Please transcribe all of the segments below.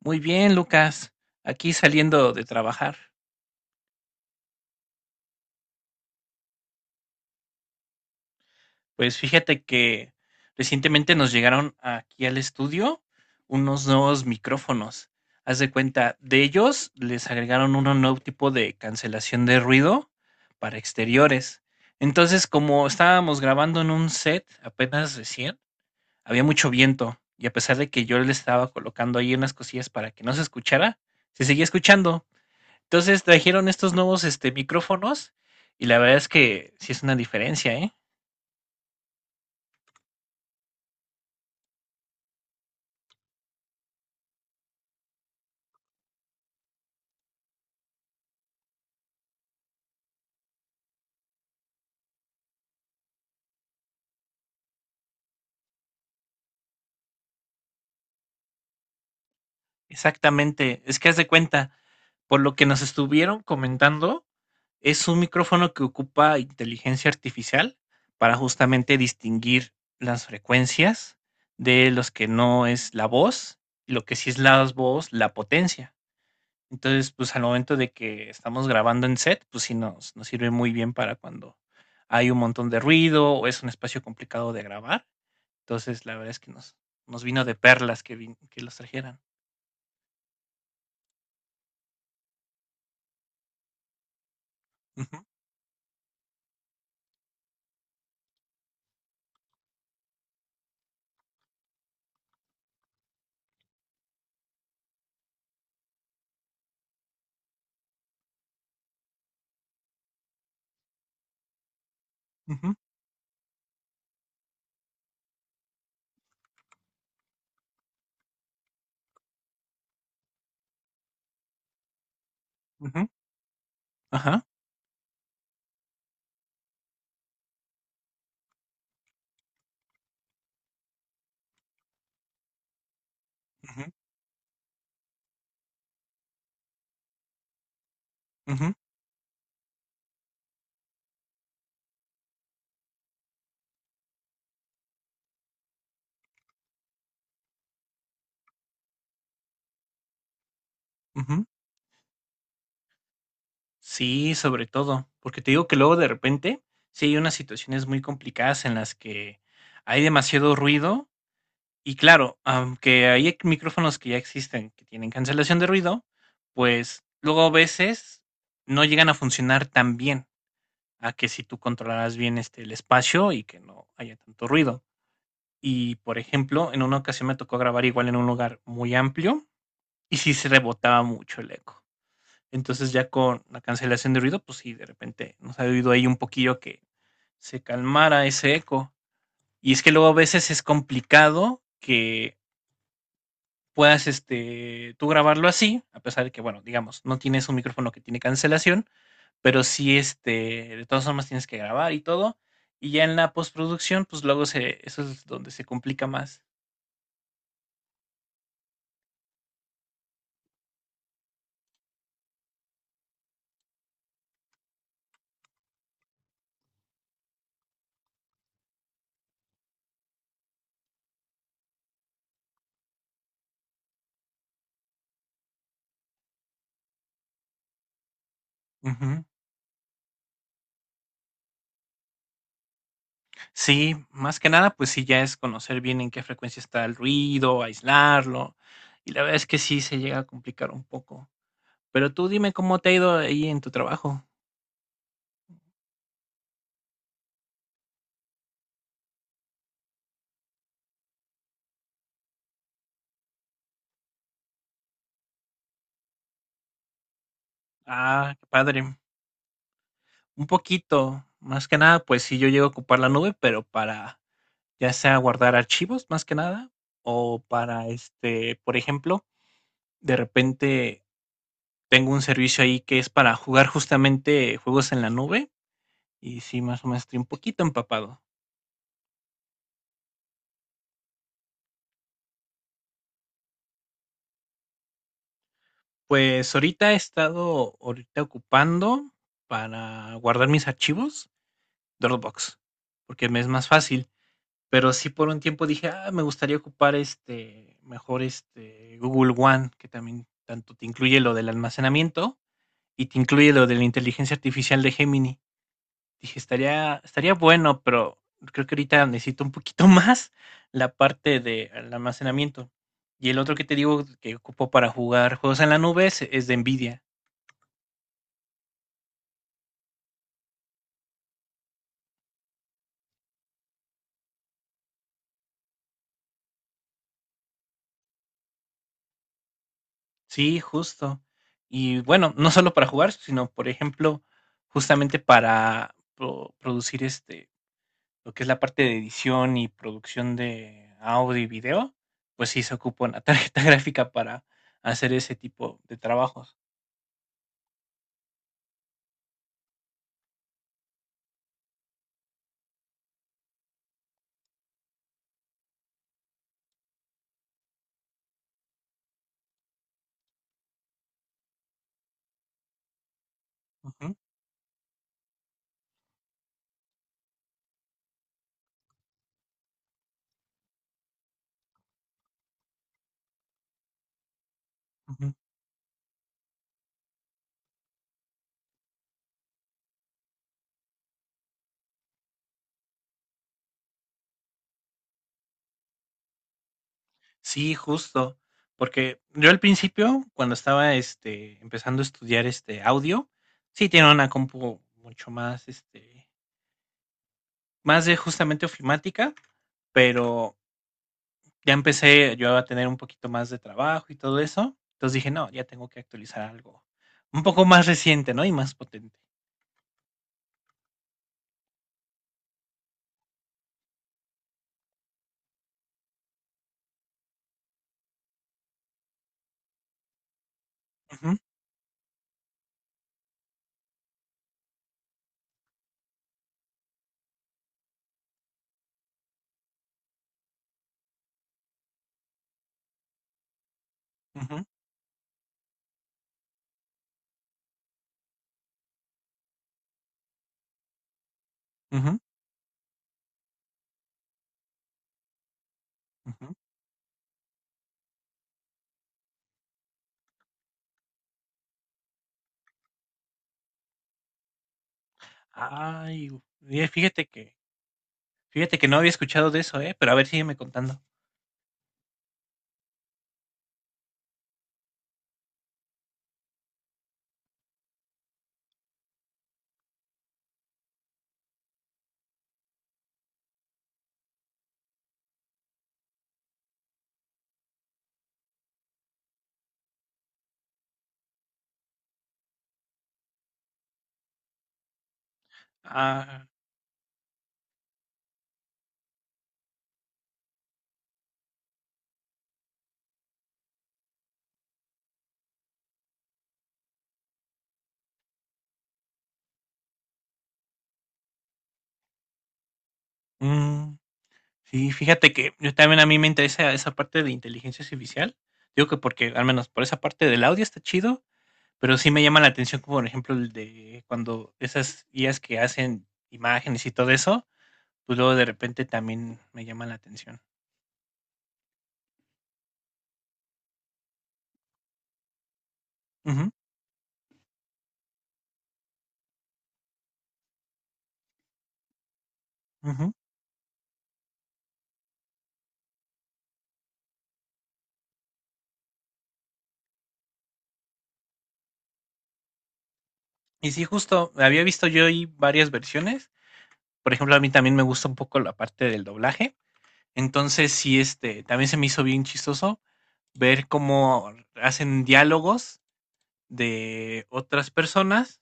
Muy bien, Lucas. Aquí saliendo de trabajar. Pues fíjate que recientemente nos llegaron aquí al estudio unos nuevos micrófonos. Haz de cuenta, de ellos les agregaron un nuevo tipo de cancelación de ruido para exteriores. Entonces, como estábamos grabando en un set apenas recién, había mucho viento y a pesar de que yo le estaba colocando ahí unas cosillas para que no se escuchara, se seguía escuchando. Entonces trajeron estos nuevos micrófonos y la verdad es que sí es una diferencia, ¿eh? Exactamente, es que haz de cuenta, por lo que nos estuvieron comentando, es un micrófono que ocupa inteligencia artificial para justamente distinguir las frecuencias de los que no es la voz y lo que sí es la voz, la potencia. Entonces, pues, al momento de que estamos grabando en set, pues sí nos sirve muy bien para cuando hay un montón de ruido, o es un espacio complicado de grabar. Entonces, la verdad es que nos vino de perlas que vin que los trajeran. Ujú, ujú, ujú, ajá, ujú, ujú, ujú. Sí, sobre todo, porque te digo que luego de repente, sí hay unas situaciones muy complicadas en las que hay demasiado ruido. Y claro, aunque hay micrófonos que ya existen, que tienen cancelación de ruido, pues luego a veces no llegan a funcionar tan bien, a que si tú controlaras bien el espacio y que no haya tanto ruido. Y por ejemplo, en una ocasión me tocó grabar igual en un lugar muy amplio y sí se rebotaba mucho el eco. Entonces ya con la cancelación de ruido, pues sí, de repente nos ha oído ahí un poquillo que se calmara ese eco. Y es que luego a veces es complicado que puedas tú grabarlo así, a pesar de que, bueno, digamos, no tienes un micrófono que tiene cancelación, pero sí, de todas formas tienes que grabar y todo. Y ya en la postproducción, pues luego eso es donde se complica más. Ujú. Sí, más que nada, pues sí, ya es conocer bien en qué frecuencia está el ruido, aislarlo. Y la verdad es que sí se llega a complicar un poco. Pero tú dime cómo te ha ido ahí en tu trabajo. Ah, qué padre. Un poquito. Más que nada, pues sí, yo llego a ocupar la nube, pero para ya sea guardar archivos, más que nada, o para, por ejemplo, de repente tengo un servicio ahí que es para jugar justamente juegos en la nube y sí, más o menos estoy un poquito empapado. Pues ahorita he estado ahorita ocupando para guardar mis archivos Dropbox, porque me es más fácil. Pero sí por un tiempo dije, ah, me gustaría ocupar mejor este Google One, que también tanto te incluye lo del almacenamiento y te incluye lo de la inteligencia artificial de Gemini. Dije, estaría bueno, pero creo que ahorita necesito un poquito más la parte del almacenamiento. Y el otro que te digo que ocupo para jugar juegos en la nube es de Nvidia. Sí, justo. Y bueno, no solo para jugar, sino por ejemplo, justamente para producir lo que es la parte de edición y producción de audio y video, pues sí se ocupa una tarjeta gráfica para hacer ese tipo de trabajos. Ujú, ujú. Sí, justo, porque yo al principio, cuando estaba, empezando a estudiar, audio, sí tenía una compu mucho más, más de justamente ofimática, pero ya empecé yo a tener un poquito más de trabajo y todo eso, entonces dije: "No, ya tengo que actualizar algo un poco más reciente, ¿no? Y más potente". Ujú, ujú, ujú, ujú. Ay, oye, fíjate que no había escuchado de eso, ¿eh? Pero a ver, sígueme contando. Ah, mm. Sí, fíjate que yo también a mí me interesa esa parte de inteligencia artificial. Digo que porque al menos por esa parte del audio está chido, pero sí me llama la atención como por ejemplo el de cuando esas IAs que hacen imágenes y todo eso, pues luego de repente también me llama la atención. Ujú, ujú. Y sí, justo había visto yo ahí varias versiones. Por ejemplo, a mí también me gusta un poco la parte del doblaje. Entonces, sí, también se me hizo bien chistoso ver cómo hacen diálogos de otras personas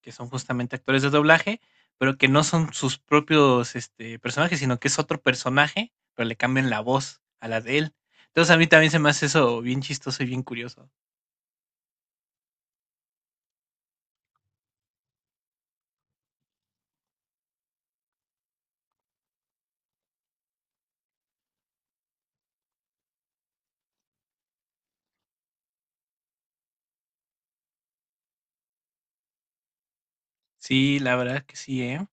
que son justamente actores de doblaje, pero que no son sus propios personajes, sino que es otro personaje, pero le cambian la voz a la de él. Entonces a mí también se me hace eso bien chistoso y bien curioso. Sí, la verdad que sí, ¿eh?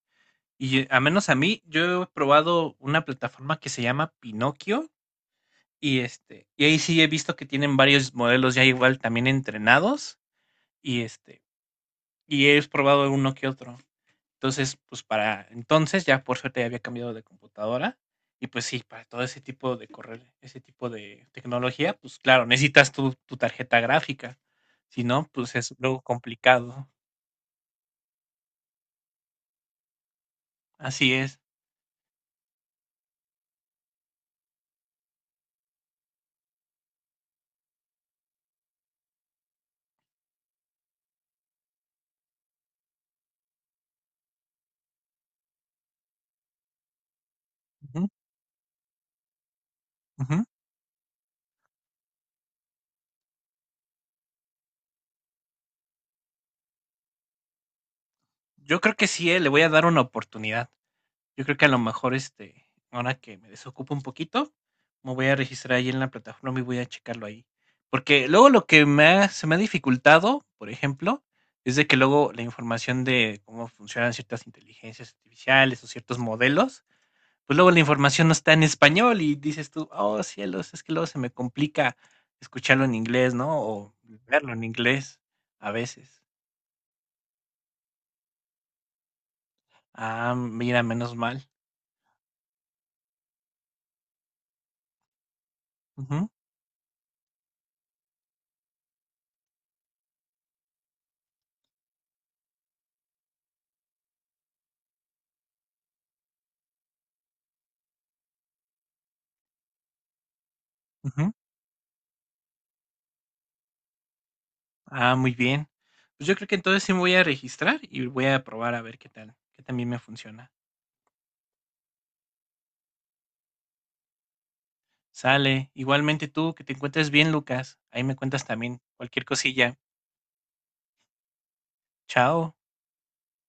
Y a menos a mí, yo he probado una plataforma que se llama Pinocchio y y ahí sí he visto que tienen varios modelos ya igual también entrenados y y he probado uno que otro. Entonces, pues para entonces ya por suerte ya había cambiado de computadora y pues sí, para todo ese tipo de correr, ese tipo de tecnología, pues claro, necesitas tu tarjeta gráfica. Si no, pues es luego complicado. Así es. Ujú, ujú. Yo creo que sí, le voy a dar una oportunidad. Yo creo que a lo mejor, ahora que me desocupo un poquito, me voy a registrar ahí en la plataforma y voy a checarlo ahí. Porque luego lo que se me ha dificultado, por ejemplo, es de que luego la información de cómo funcionan ciertas inteligencias artificiales o ciertos modelos, pues luego la información no está en español y dices tú, oh cielos, es que luego se me complica escucharlo en inglés, ¿no? O verlo en inglés a veces. Ah, mira, menos mal. Ujú, ujú. Ah, muy bien. Pues yo creo que entonces sí me voy a registrar y voy a probar a ver qué tal, qué también me funciona. Sale. Igualmente tú, que te encuentres bien, Lucas. Ahí me cuentas también cualquier cosilla. Chao.